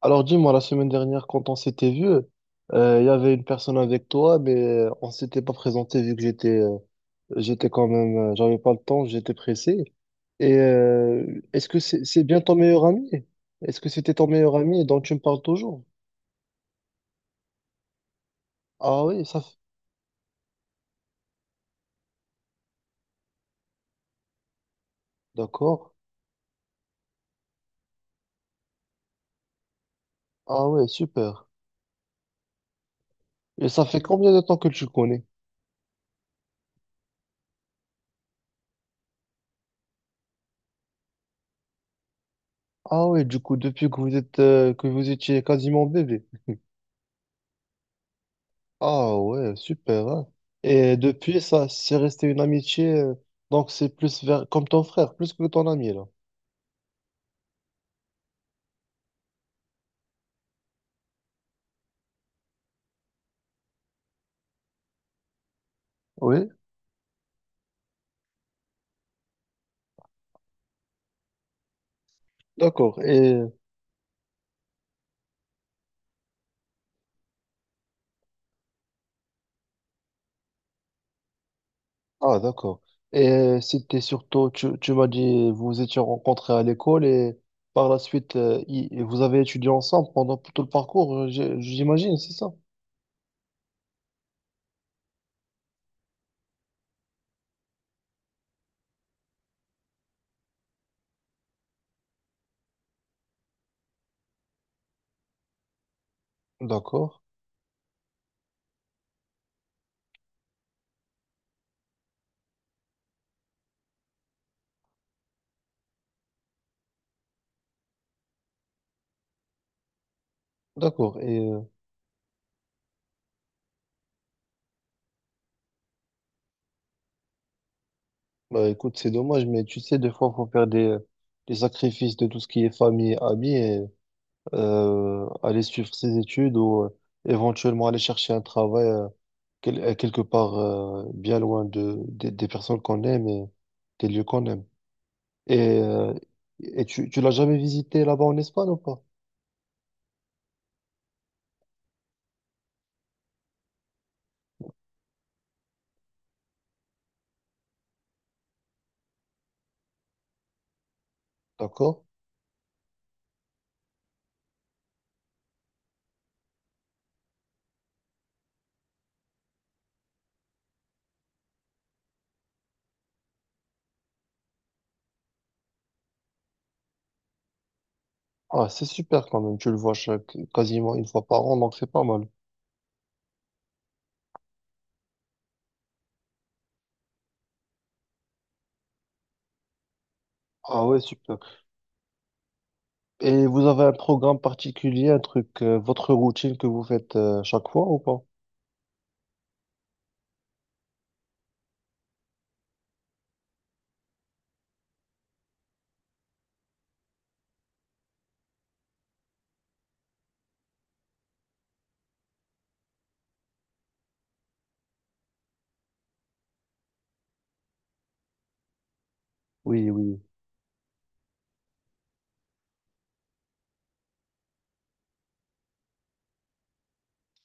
Alors dis-moi, la semaine dernière, quand on s'était vu, il y avait une personne avec toi, mais on s'était pas présenté vu que j'étais quand même, j'avais pas le temps, j'étais pressé. Et est-ce que c'est bien ton meilleur ami? Est-ce que c'était ton meilleur ami dont tu me parles toujours? Ah oui, ça fait. D'accord. Ah oui, super. Et ça fait combien de temps que tu le connais? Ah oui, du coup, depuis que vous étiez quasiment bébé. Ah ouais, super, hein. Et depuis, ça, c'est resté une amitié, donc c'est plus vers, comme ton frère, plus que ton ami, là. Oui, d'accord. Et, ah, d'accord. Et c'était surtout, tu m'as dit, vous vous étiez rencontrés à l'école et par la suite, vous avez étudié ensemble pendant tout le parcours, j'imagine, c'est ça? D'accord, d'accord. Et, bah, écoute, c'est dommage, mais tu sais, des fois, faut faire des sacrifices de tout ce qui est famille, amis, aller suivre ses études ou éventuellement aller chercher un travail quelque part, bien loin de, des personnes qu'on aime et des lieux qu'on aime. Et, euh, et tu l'as jamais visité là-bas en Espagne ou pas? D'accord? Ah, c'est super quand même, tu le vois chaque, quasiment une fois par an, donc c'est pas mal. Ah ouais, super. Et vous avez un programme particulier, un truc, votre routine que vous faites chaque fois ou pas? Oui, oui.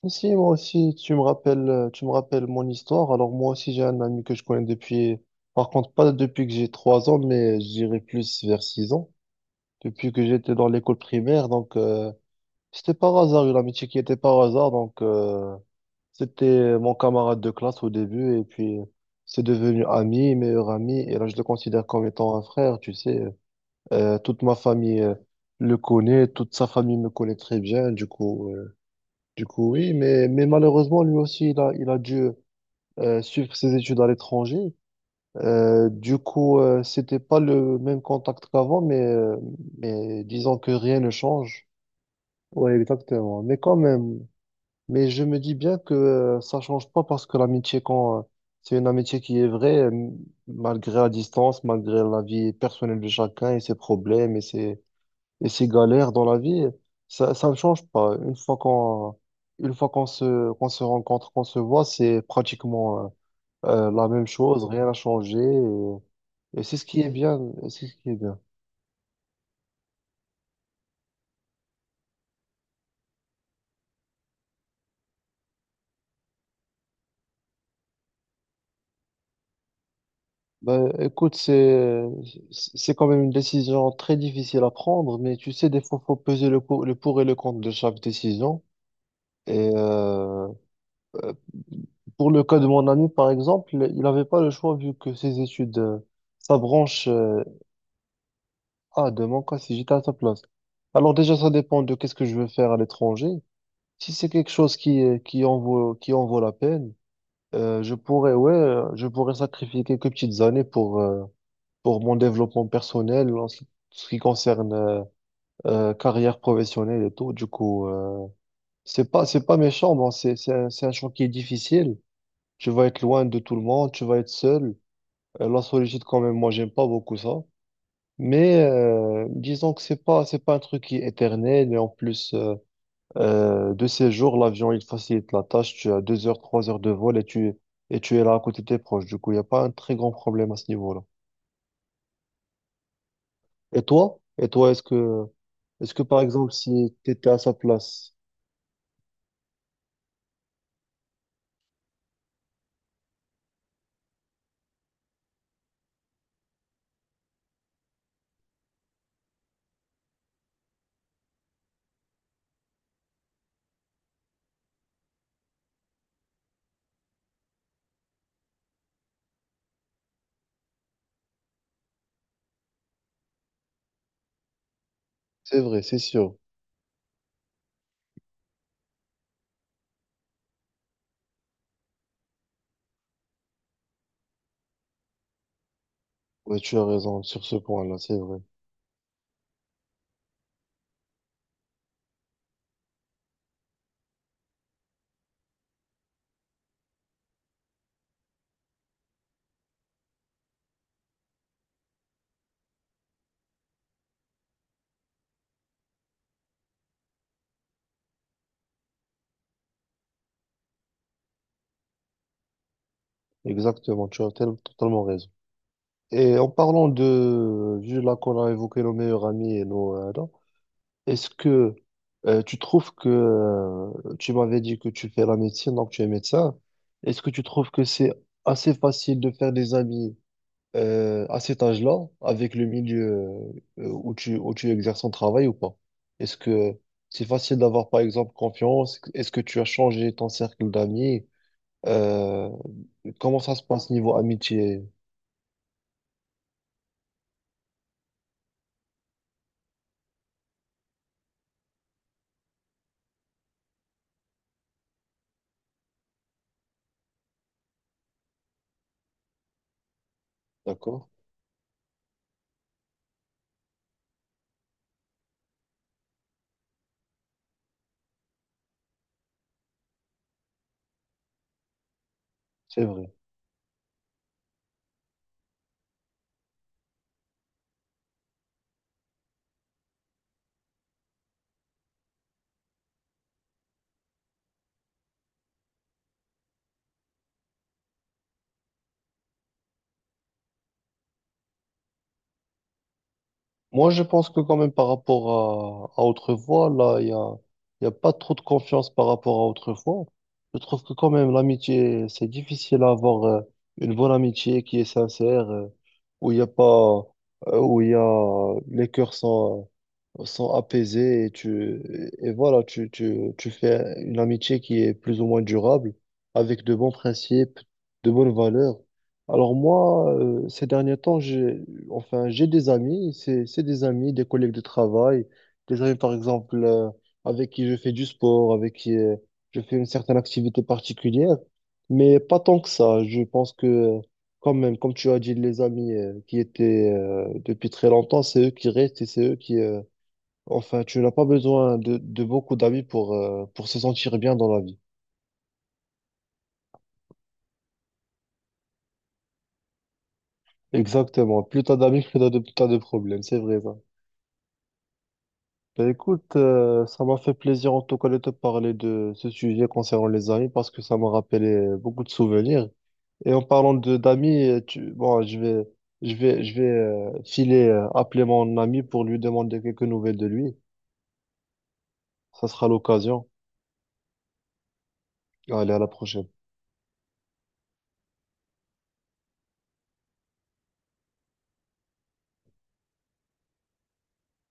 Si, moi aussi, tu me rappelles mon histoire. Alors, moi aussi, j'ai un ami que je connais depuis, par contre, pas depuis que j'ai 3 ans, mais je dirais plus vers 6 ans, depuis que j'étais dans l'école primaire. Donc, c'était par hasard, une amitié qui était par hasard. Donc, c'était mon camarade de classe au début, et puis, c'est devenu ami, meilleur ami. Et là, je le considère comme étant un frère, tu sais. Toute ma famille, le connaît, toute sa famille me connaît très bien. Du coup, oui, mais malheureusement, lui aussi, il a dû suivre ses études à l'étranger. Du coup, c'était pas le même contact qu'avant, mais disons que rien ne change. Oui, exactement. Mais quand même, mais je me dis bien que ça change pas parce que l'amitié, quand c'est une amitié qui est vraie, malgré la distance, malgré la vie personnelle de chacun et ses problèmes et et ces galères dans la vie, ça ne change pas. Une fois qu'on se rencontre, qu'on se voit, c'est pratiquement la même chose, rien n'a changé. Et c'est ce qui est bien, c'est ce qui est bien. Ben, écoute, c'est quand même une décision très difficile à prendre, mais tu sais, des fois, faut peser le pour et le contre de chaque décision. Et euh, pour le cas de mon ami, par exemple, il n'avait pas le choix vu que ses études, sa branche. Ah, de mon cas, si j'étais à ta place. Alors déjà, ça dépend de qu'est-ce que je veux faire à l'étranger. Si c'est quelque chose qui en vaut la peine, je pourrais, ouais, je pourrais sacrifier quelques petites années pour mon développement personnel en ce qui concerne carrière professionnelle et tout. Du coup, c'est pas méchant, bon, c'est un champ qui est difficile. Tu vas être loin de tout le monde, tu vas être seul. La solitude, quand même, moi, j'aime pas beaucoup ça. Mais disons que c'est pas un truc qui est éternel, et en plus de ces jours, l'avion, il facilite la tâche. Tu as 2 heures, 3 heures de vol, et tu es là à côté de tes proches. Du coup, il n'y a pas un très grand problème à ce niveau-là. Et toi, est-ce que par exemple si tu étais à sa place? C'est vrai, c'est sûr. Ouais, tu as raison sur ce point-là, c'est vrai. Exactement, tu as totalement raison. Et en parlant de, vu là qu'on a évoqué nos meilleurs amis et nos, est-ce que tu trouves que tu m'avais dit que tu fais la médecine, donc tu es médecin. Est-ce que tu trouves que c'est assez facile de faire des amis à cet âge-là, avec le milieu où tu exerces ton travail ou pas? Est-ce que c'est facile d'avoir par exemple confiance? Est-ce que tu as changé ton cercle d'amis? Euh, comment ça se passe niveau amitié? D'accord? C'est vrai. Moi, je pense que quand même, par rapport à autrefois, là, il y a pas trop de confiance par rapport à autrefois. Je trouve que quand même l'amitié, c'est difficile à avoir une bonne amitié qui est sincère, où il y a pas, où il y a, les cœurs sont, sont apaisés, et tu, voilà, tu fais une amitié qui est plus ou moins durable, avec de bons principes, de bonnes valeurs. Alors moi, ces derniers temps, j'ai enfin j'ai des amis, c'est des amis, des collègues de travail, des amis par exemple avec qui je fais du sport, avec qui je fais une certaine activité particulière. Mais pas tant que ça. Je pense que quand même, comme tu as dit, les amis qui étaient depuis très longtemps, c'est eux qui restent, et c'est eux qui. Enfin, tu n'as pas besoin de beaucoup d'amis pour se sentir bien dans la vie. Exactement. Plus t'as d'amis, plus t'as de problèmes. C'est vrai, ça. Ben écoute, ça m'a fait plaisir en tout cas de te parler de ce sujet concernant les amis, parce que ça m'a rappelé beaucoup de souvenirs. Et en parlant de d'amis, bon, je vais filer, appeler mon ami pour lui demander quelques nouvelles de lui. Ça sera l'occasion. Allez, à la prochaine.